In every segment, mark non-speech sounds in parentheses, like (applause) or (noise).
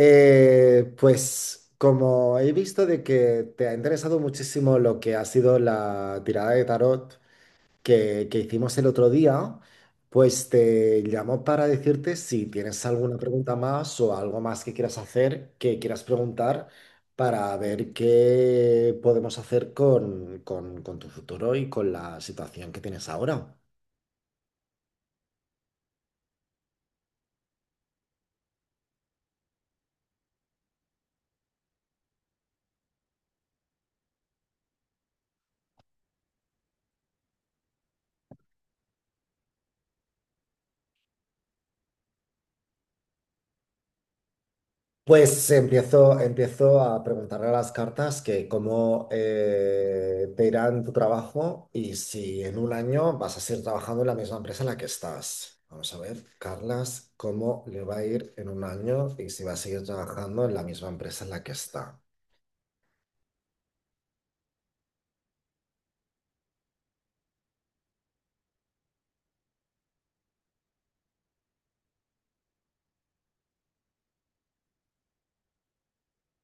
Pues como he visto de que te ha interesado muchísimo lo que ha sido la tirada de tarot que hicimos el otro día, pues te llamo para decirte si tienes alguna pregunta más o algo más que quieras hacer, que quieras preguntar, para ver qué podemos hacer con tu futuro y con la situación que tienes ahora. Pues empiezo a preguntarle a las cartas que cómo te irá en tu trabajo y si en un año vas a seguir trabajando en la misma empresa en la que estás. Vamos a ver, Carlas, cómo le va a ir en un año y si va a seguir trabajando en la misma empresa en la que está.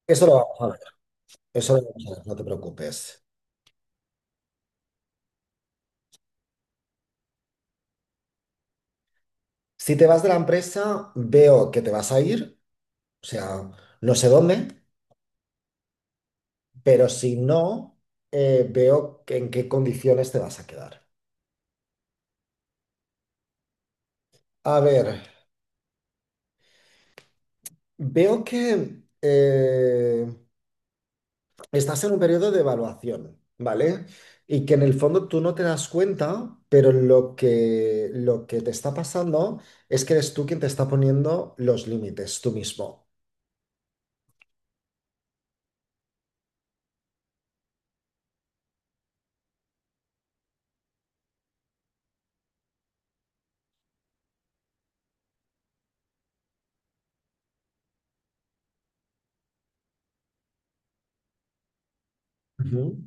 Eso lo vamos a ver, eso lo vamos a ver, no te preocupes. Si te vas de la empresa, veo que te vas a ir, o sea, no sé dónde, pero si no, en qué condiciones te vas a quedar. A ver, veo que estás en un periodo de evaluación, ¿vale? Y que en el fondo tú no te das cuenta, pero lo que te está pasando es que eres tú quien te está poniendo los límites, tú mismo. Ujú.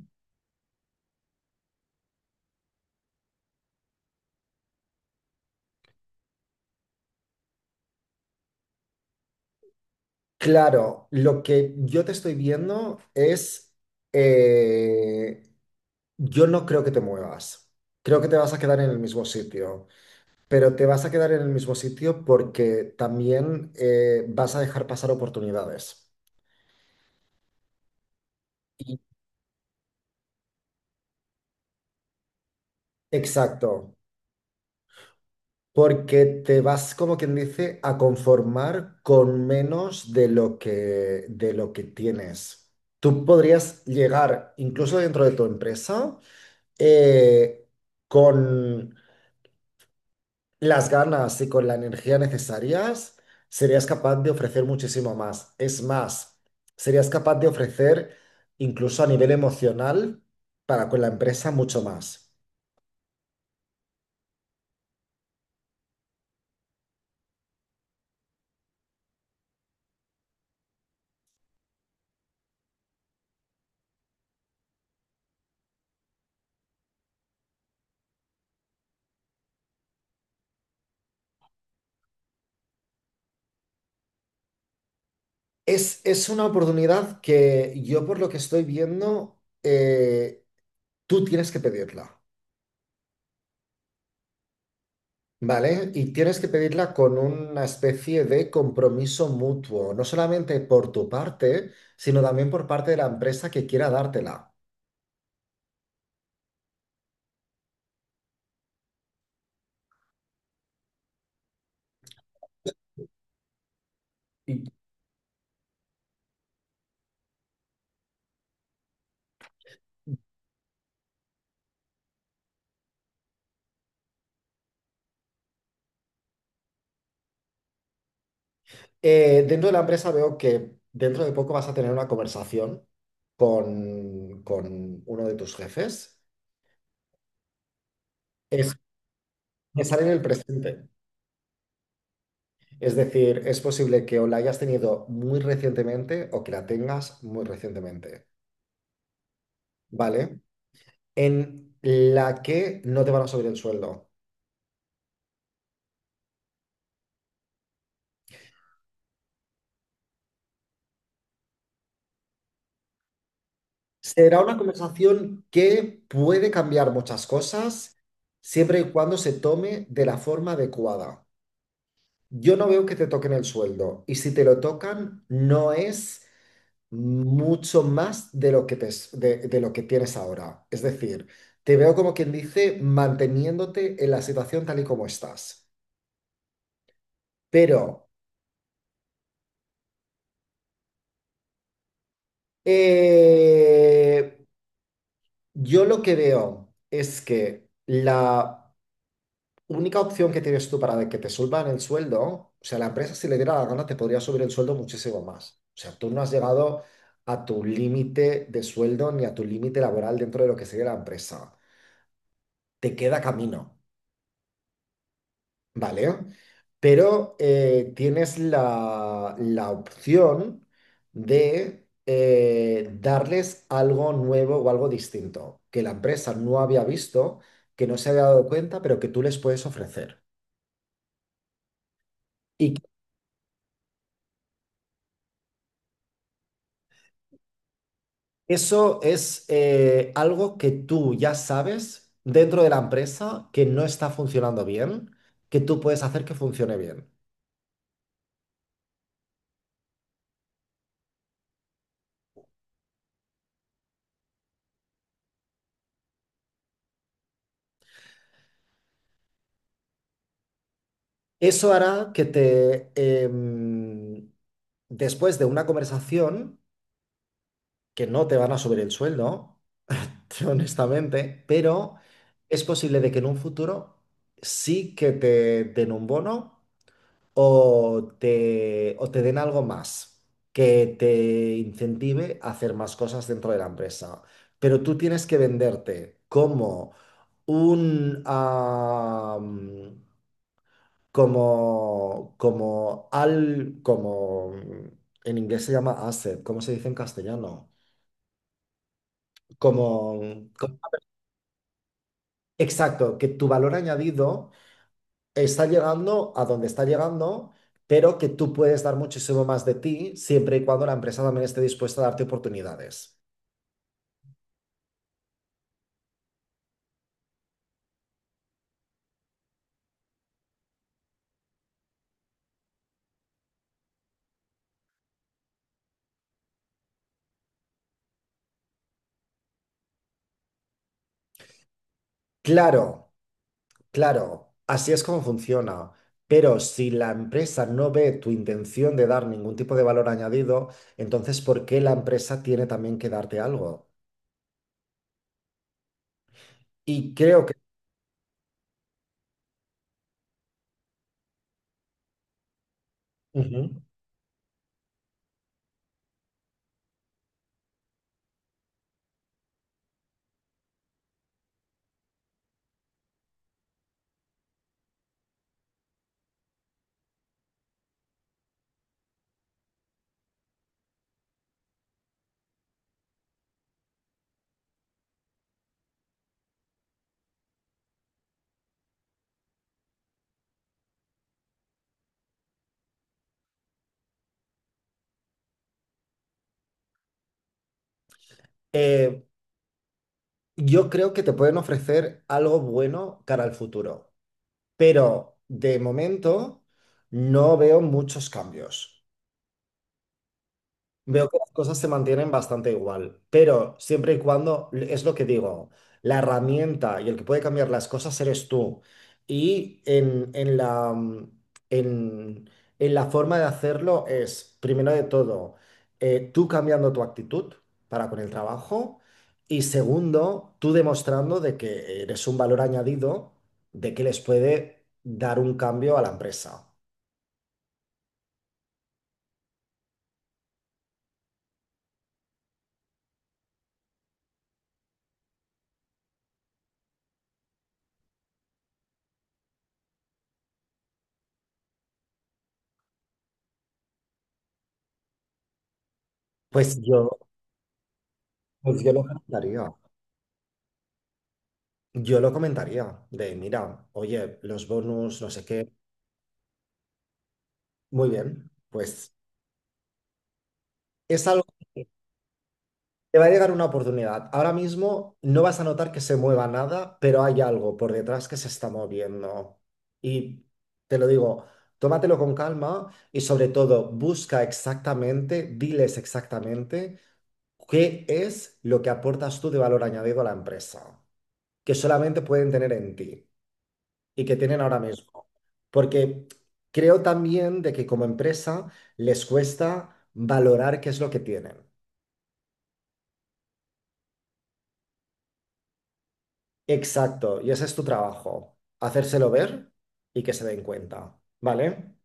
Claro, lo que yo te estoy viendo es, eh, yo no creo que te muevas, creo que te vas a quedar en el mismo sitio. Pero te vas a quedar en el mismo sitio porque también vas a dejar pasar oportunidades. Y- Exacto, porque te vas, como quien dice, a conformar con menos de lo que tienes. Tú podrías llegar, incluso dentro de tu empresa, eh, con las ganas y con la energía necesarias, serías capaz de ofrecer muchísimo más. Es más, serías capaz de ofrecer incluso a nivel emocional para con la empresa mucho más. Es una oportunidad que yo por lo que estoy viendo, tú tienes que pedirla, ¿vale? Y tienes que pedirla con una especie de compromiso mutuo, no solamente por tu parte, sino también por parte de la empresa que quiera dártela. Dentro de la empresa veo que dentro de poco vas a tener una conversación con uno de tus jefes. Es pensar en el presente. Es decir, es posible que o la hayas tenido muy recientemente o que la tengas muy recientemente, ¿vale? En la que no te van a subir el sueldo. Será una conversación que puede cambiar muchas cosas siempre y cuando se tome de la forma adecuada. Yo no veo que te toquen el sueldo y si te lo tocan no es mucho más de lo que te, s- de lo que tienes ahora. Es decir, te veo como quien dice manteniéndote en la situación tal y como estás. Pero eh, yo lo que veo es que la única opción que tienes tú para de que te suban el sueldo, o sea, la empresa si le diera la gana te podría subir el sueldo muchísimo más. O sea, tú no has llegado a tu límite de sueldo ni a tu límite laboral dentro de lo que sería la empresa. Te queda camino, ¿vale? Pero tienes la opción de darles algo nuevo o algo distinto que la empresa no había visto, que no se había dado cuenta, pero que tú les puedes ofrecer y eso es algo que tú ya sabes dentro de la empresa que no está funcionando bien, que tú puedes hacer que funcione bien. Eso hará que después de una conversación, que no te van a subir el sueldo, (laughs) honestamente, pero es posible de que en un futuro sí que te den un bono o te den algo más que te incentive a hacer más cosas dentro de la empresa. Pero tú tienes que venderte como un, ah, como, como al, como, en inglés se llama asset, ¿cómo se dice en castellano? Como, co- exacto, que tu valor añadido está llegando a donde está llegando, pero que tú puedes dar muchísimo más de ti siempre y cuando la empresa también esté dispuesta a darte oportunidades. Claro, claro, así es como funciona. Pero si la empresa no ve tu intención de dar ningún tipo de valor añadido, entonces ¿por qué la empresa tiene también que darte algo? Y creo que ujú. eh, yo creo que te pueden ofrecer algo bueno cara al futuro, pero de momento no veo muchos cambios. Veo que las cosas se mantienen bastante igual, pero siempre y cuando, es lo que digo, la herramienta y el que puede cambiar las cosas eres tú. Y en, en la forma de hacerlo es, primero de todo, tú cambiando tu actitud para con el trabajo y segundo, tú demostrando de que eres un valor añadido, de que les puede dar un cambio a la empresa. Pues yo, pues yo lo cambiaría. Yo lo comentaría de, mira, oye, los bonus, no sé qué, muy bien, pues es algo que te va a llegar una oportunidad. Ahora mismo no vas a notar que se mueva nada, pero hay algo por detrás que se está moviendo. Y te lo digo, tómatelo con calma y sobre todo busca exactamente, diles exactamente qué es lo que aportas tú de valor añadido a la empresa, que solamente pueden tener en ti. Y que tienen ahora mismo. Porque creo también de que como empresa les cuesta valorar qué es lo que tienen. Exacto, y ese es tu trabajo, hacérselo ver y que se den cuenta, ¿vale?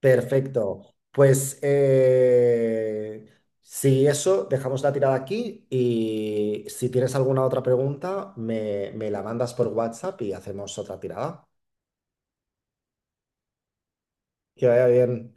Perfecto. Pues si eso, dejamos la tirada aquí y si tienes alguna otra pregunta, me la mandas por WhatsApp y hacemos otra tirada. Que vaya bien.